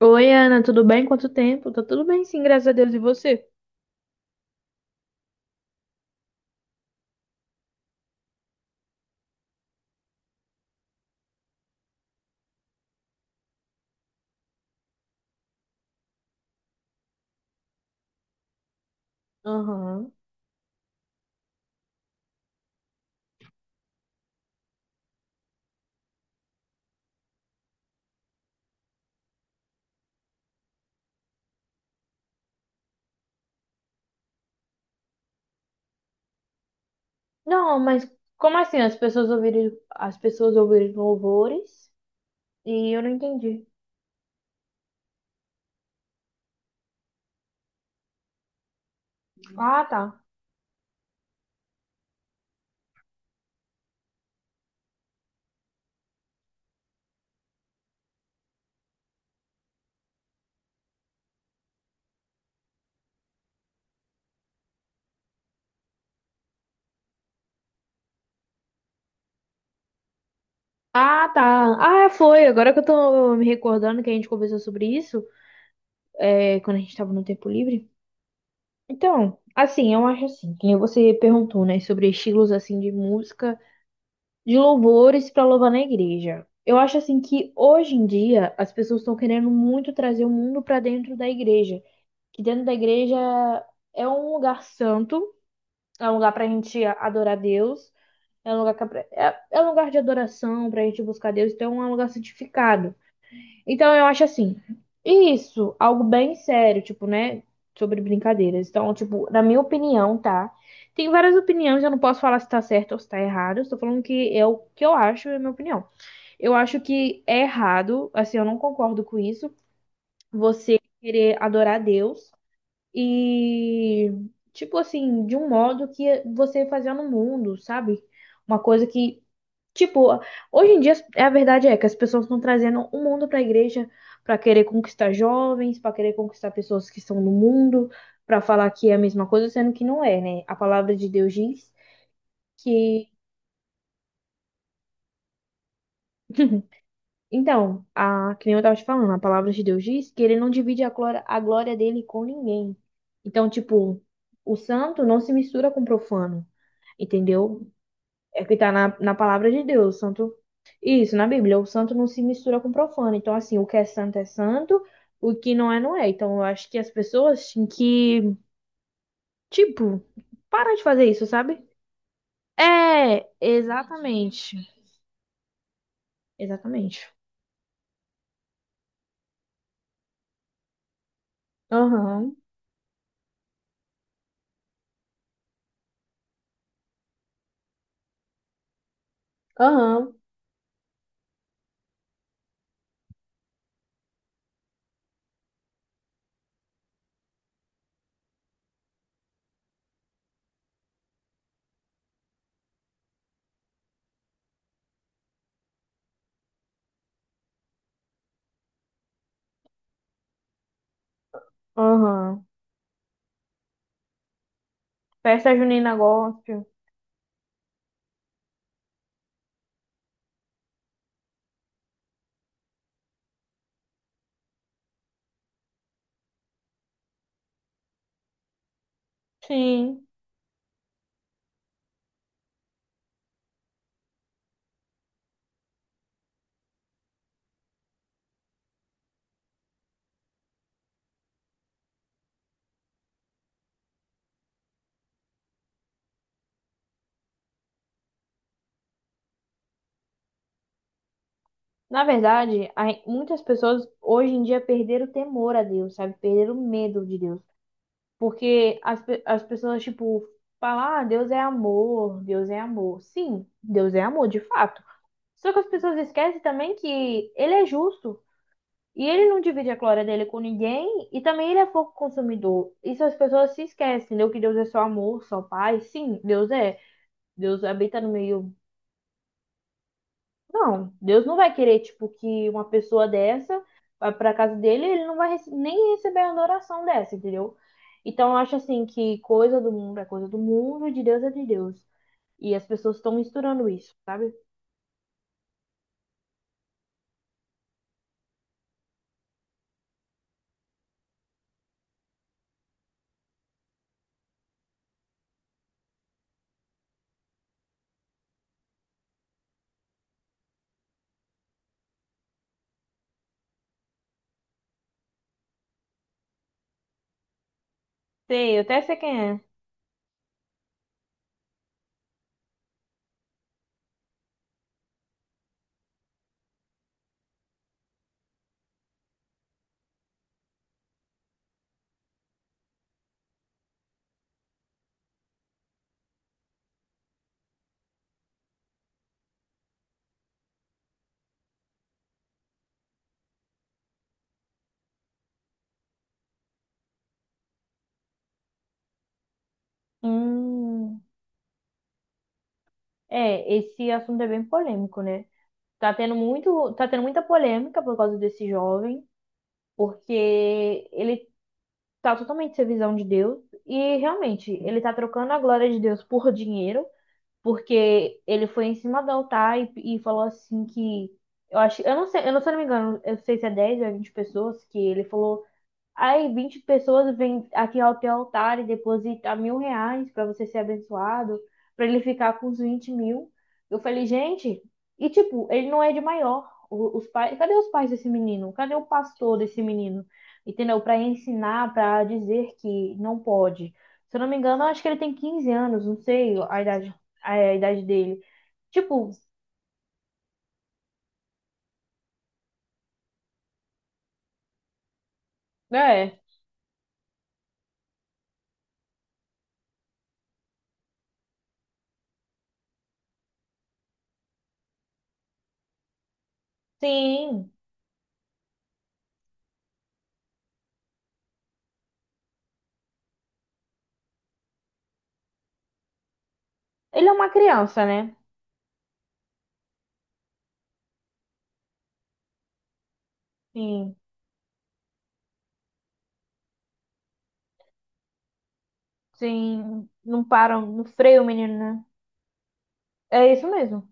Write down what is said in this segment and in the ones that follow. Oi, Ana, tudo bem? Quanto tempo? Tá tudo bem, sim, graças a Deus. E você? Aham. Não, mas como assim? As pessoas ouviram louvores e eu não entendi. Ah, tá. Ah, tá. Ah, foi. Agora que eu tô me recordando que a gente conversou sobre isso, quando a gente tava no tempo livre. Então, assim, eu acho assim, que nem você perguntou, né, sobre estilos assim de música de louvores para louvar na igreja. Eu acho assim que hoje em dia as pessoas estão querendo muito trazer o mundo para dentro da igreja, que dentro da igreja é um lugar santo, é um lugar para a gente adorar Deus, é um lugar, que é um lugar de adoração para a gente buscar Deus, então é um lugar santificado. Então eu acho assim, isso, algo bem sério, tipo, né? Sobre brincadeiras. Então, tipo, na minha opinião, tá? Tem várias opiniões, eu não posso falar se tá certo ou se tá errado. Eu estou falando que é o que eu acho, é a minha opinião. Eu acho que é errado, assim, eu não concordo com isso, você querer adorar Deus e tipo assim, de um modo que você fazia no mundo, sabe? Uma coisa que tipo, hoje em dia é a verdade é que as pessoas estão trazendo o mundo para a igreja para querer conquistar jovens, para querer conquistar pessoas que estão no mundo, para falar que é a mesma coisa, sendo que não é, né? A palavra de Deus diz que. Então, que nem eu tava te falando, a palavra de Deus diz que ele não divide a glória dele com ninguém. Então, tipo, o santo não se mistura com o profano, entendeu? É o que tá na palavra de Deus, o santo. Isso, na Bíblia, o santo não se mistura com o profano. Então, assim, o que é santo, o que não é, não é. Então, eu acho que as pessoas têm que, tipo, parar de fazer isso, sabe? É, exatamente. Exatamente. Aham, aham, aham. Festa junina gospel. Sim. Na verdade, muitas pessoas hoje em dia perderam o temor a Deus, sabe? Perderam o medo de Deus. Porque as pessoas, tipo, falam, ah, Deus é amor, Deus é amor. Sim, Deus é amor, de fato. Só que as pessoas esquecem também que ele é justo. E ele não divide a glória dele com ninguém. E também ele é fogo consumidor. Isso as pessoas se esquecem, entendeu? Que Deus é só amor, só paz. Sim, Deus é. Deus habita no meio. Não, Deus não vai querer, tipo, que uma pessoa dessa vá pra casa dele, ele não vai nem receber a adoração dessa, entendeu? Então, eu acho assim que coisa do mundo é coisa do mundo, e de Deus é de Deus. E as pessoas estão misturando isso, sabe? Sei, eu até sei quem é. Hum, esse assunto é bem polêmico, né? Tá tendo muita polêmica por causa desse jovem, porque ele tá totalmente sem visão de Deus e realmente ele tá trocando a glória de Deus por dinheiro. Porque ele foi em cima do altar e falou assim que eu acho, eu não sei, eu não, se eu não me engano, eu não sei se é 10 ou é 20 pessoas que ele falou. Aí 20 pessoas vêm aqui ao teu altar e depositam R$ 1.000 para você ser abençoado, para ele ficar com os 20 mil. Eu falei, gente, e tipo, ele não é de maior. Os pais, cadê os pais desse menino? Cadê o pastor desse menino? Entendeu? Para ensinar, para dizer que não pode. Se eu não me engano, eu acho que ele tem 15 anos, não sei a idade dele. Tipo, é, sim. Ele é uma criança, né? Sim, sim. Não param, não freia o menino, né? É isso mesmo.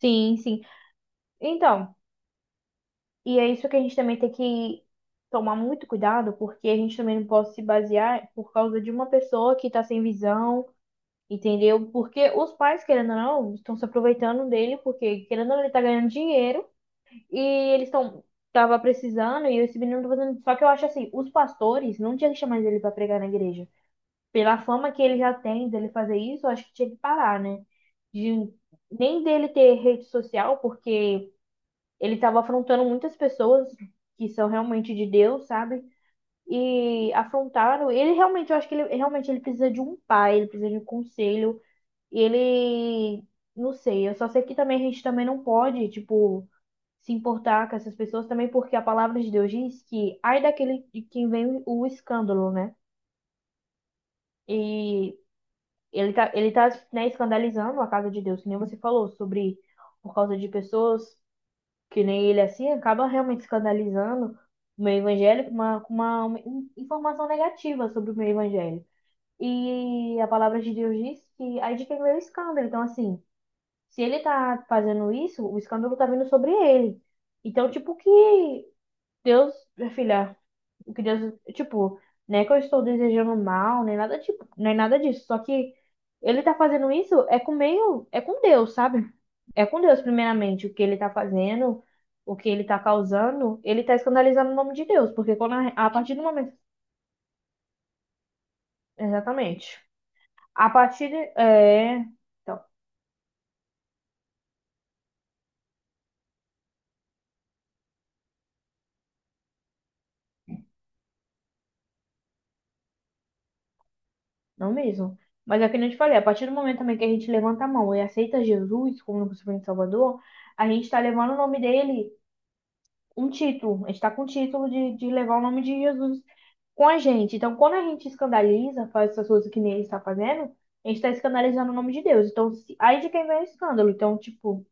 Sim, sim. Então, e é isso que a gente também tem que tomar muito cuidado, porque a gente também não pode se basear por causa de uma pessoa que tá sem visão, entendeu? Porque os pais, querendo ou não, estão se aproveitando dele, porque querendo ou não, ele tá ganhando dinheiro e eles estão tava precisando e esse menino tá fazendo. Só que eu acho assim, os pastores não tinha que chamar ele pra pregar na igreja. Pela fama que ele já tem dele fazer isso, eu acho que tinha que parar, né? De nem dele ter rede social, porque ele estava afrontando muitas pessoas que são realmente de Deus, sabe? E afrontaram. Ele realmente, eu acho que ele realmente ele precisa de um pai, ele precisa de um conselho. E ele, não sei, eu só sei que também a gente também não pode, tipo, se importar com essas pessoas também, porque a palavra de Deus diz que ai daquele de quem vem o escândalo, né? E ele tá, né, escandalizando a casa de Deus, que nem você falou, sobre por causa de pessoas que nem ele assim, acaba realmente escandalizando o meio evangélico, com uma informação negativa sobre o meio evangélico. E a palavra de Deus diz que aí de quem veio o escândalo. Então, assim, se ele tá fazendo isso, o escândalo tá vindo sobre ele. Então, tipo, que Deus, minha filha, o que Deus, tipo, não é que eu estou desejando mal, nem nada, tipo, nem nada disso. Só que ele tá fazendo isso é com meio, é com Deus, sabe? É com Deus, primeiramente, o que ele tá fazendo, o que ele tá causando, ele tá escandalizando o nome de Deus, porque quando a partir do momento, exatamente. A partir de, é, então, não mesmo. Mas é que nem eu te falei, a partir do momento também que a gente levanta a mão e aceita Jesus como nosso Senhor e Salvador, a gente tá levando o nome dele um título. A gente está com o título de levar o nome de Jesus com a gente. Então, quando a gente escandaliza, faz essas coisas que nem ele está fazendo, a gente está escandalizando o nome de Deus. Então, aí de quem vem o escândalo. Então, tipo,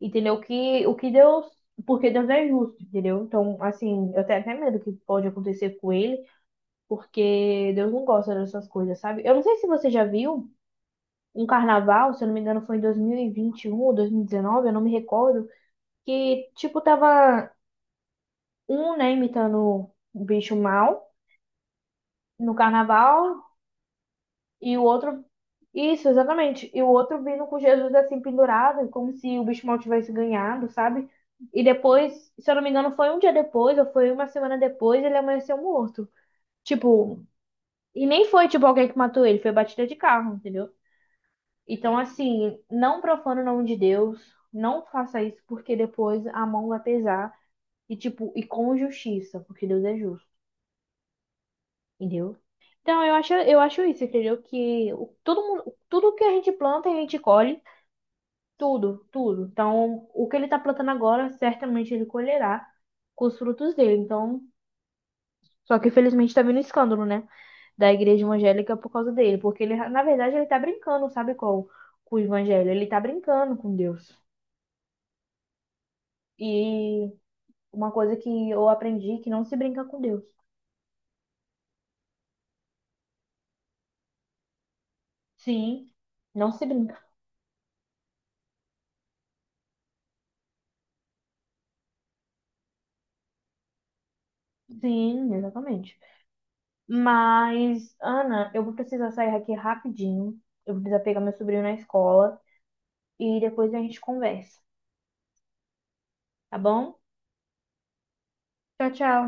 entendeu? Que, o que Deus. Porque Deus é justo, entendeu? Então, assim, eu tenho até medo que pode acontecer com ele, porque Deus não gosta dessas coisas, sabe? Eu não sei se você já viu um carnaval, se eu não me engano, foi em 2021 ou 2019, eu não me recordo, que, tipo, tava um, né, imitando o bicho mal no carnaval, e o outro. Isso, exatamente. E o outro vindo com Jesus assim pendurado, como se o bicho mal tivesse ganhado, sabe? E depois, se eu não me engano, foi um dia depois, ou foi uma semana depois, ele amanheceu morto. Tipo, e nem foi tipo alguém que matou ele, foi batida de carro, entendeu? Então, assim, não profana o nome de Deus, não faça isso, porque depois a mão vai pesar. E, tipo, e com justiça, porque Deus é justo. Entendeu? Então, eu acho isso, entendeu? Que todo mundo, tudo que a gente planta, a gente colhe, tudo, tudo. Então, o que ele tá plantando agora, certamente ele colherá com os frutos dele. Então, só que infelizmente tá vindo escândalo, né? Da igreja evangélica por causa dele, porque ele, na verdade, ele tá brincando, sabe qual? Com o evangelho, ele tá brincando com Deus. E uma coisa que eu aprendi é que não se brinca com Deus. Sim, não se brinca. Sim, exatamente. Mas, Ana, eu vou precisar sair aqui rapidinho. Eu vou precisar pegar meu sobrinho na escola e depois a gente conversa, tá bom? Tchau, tchau.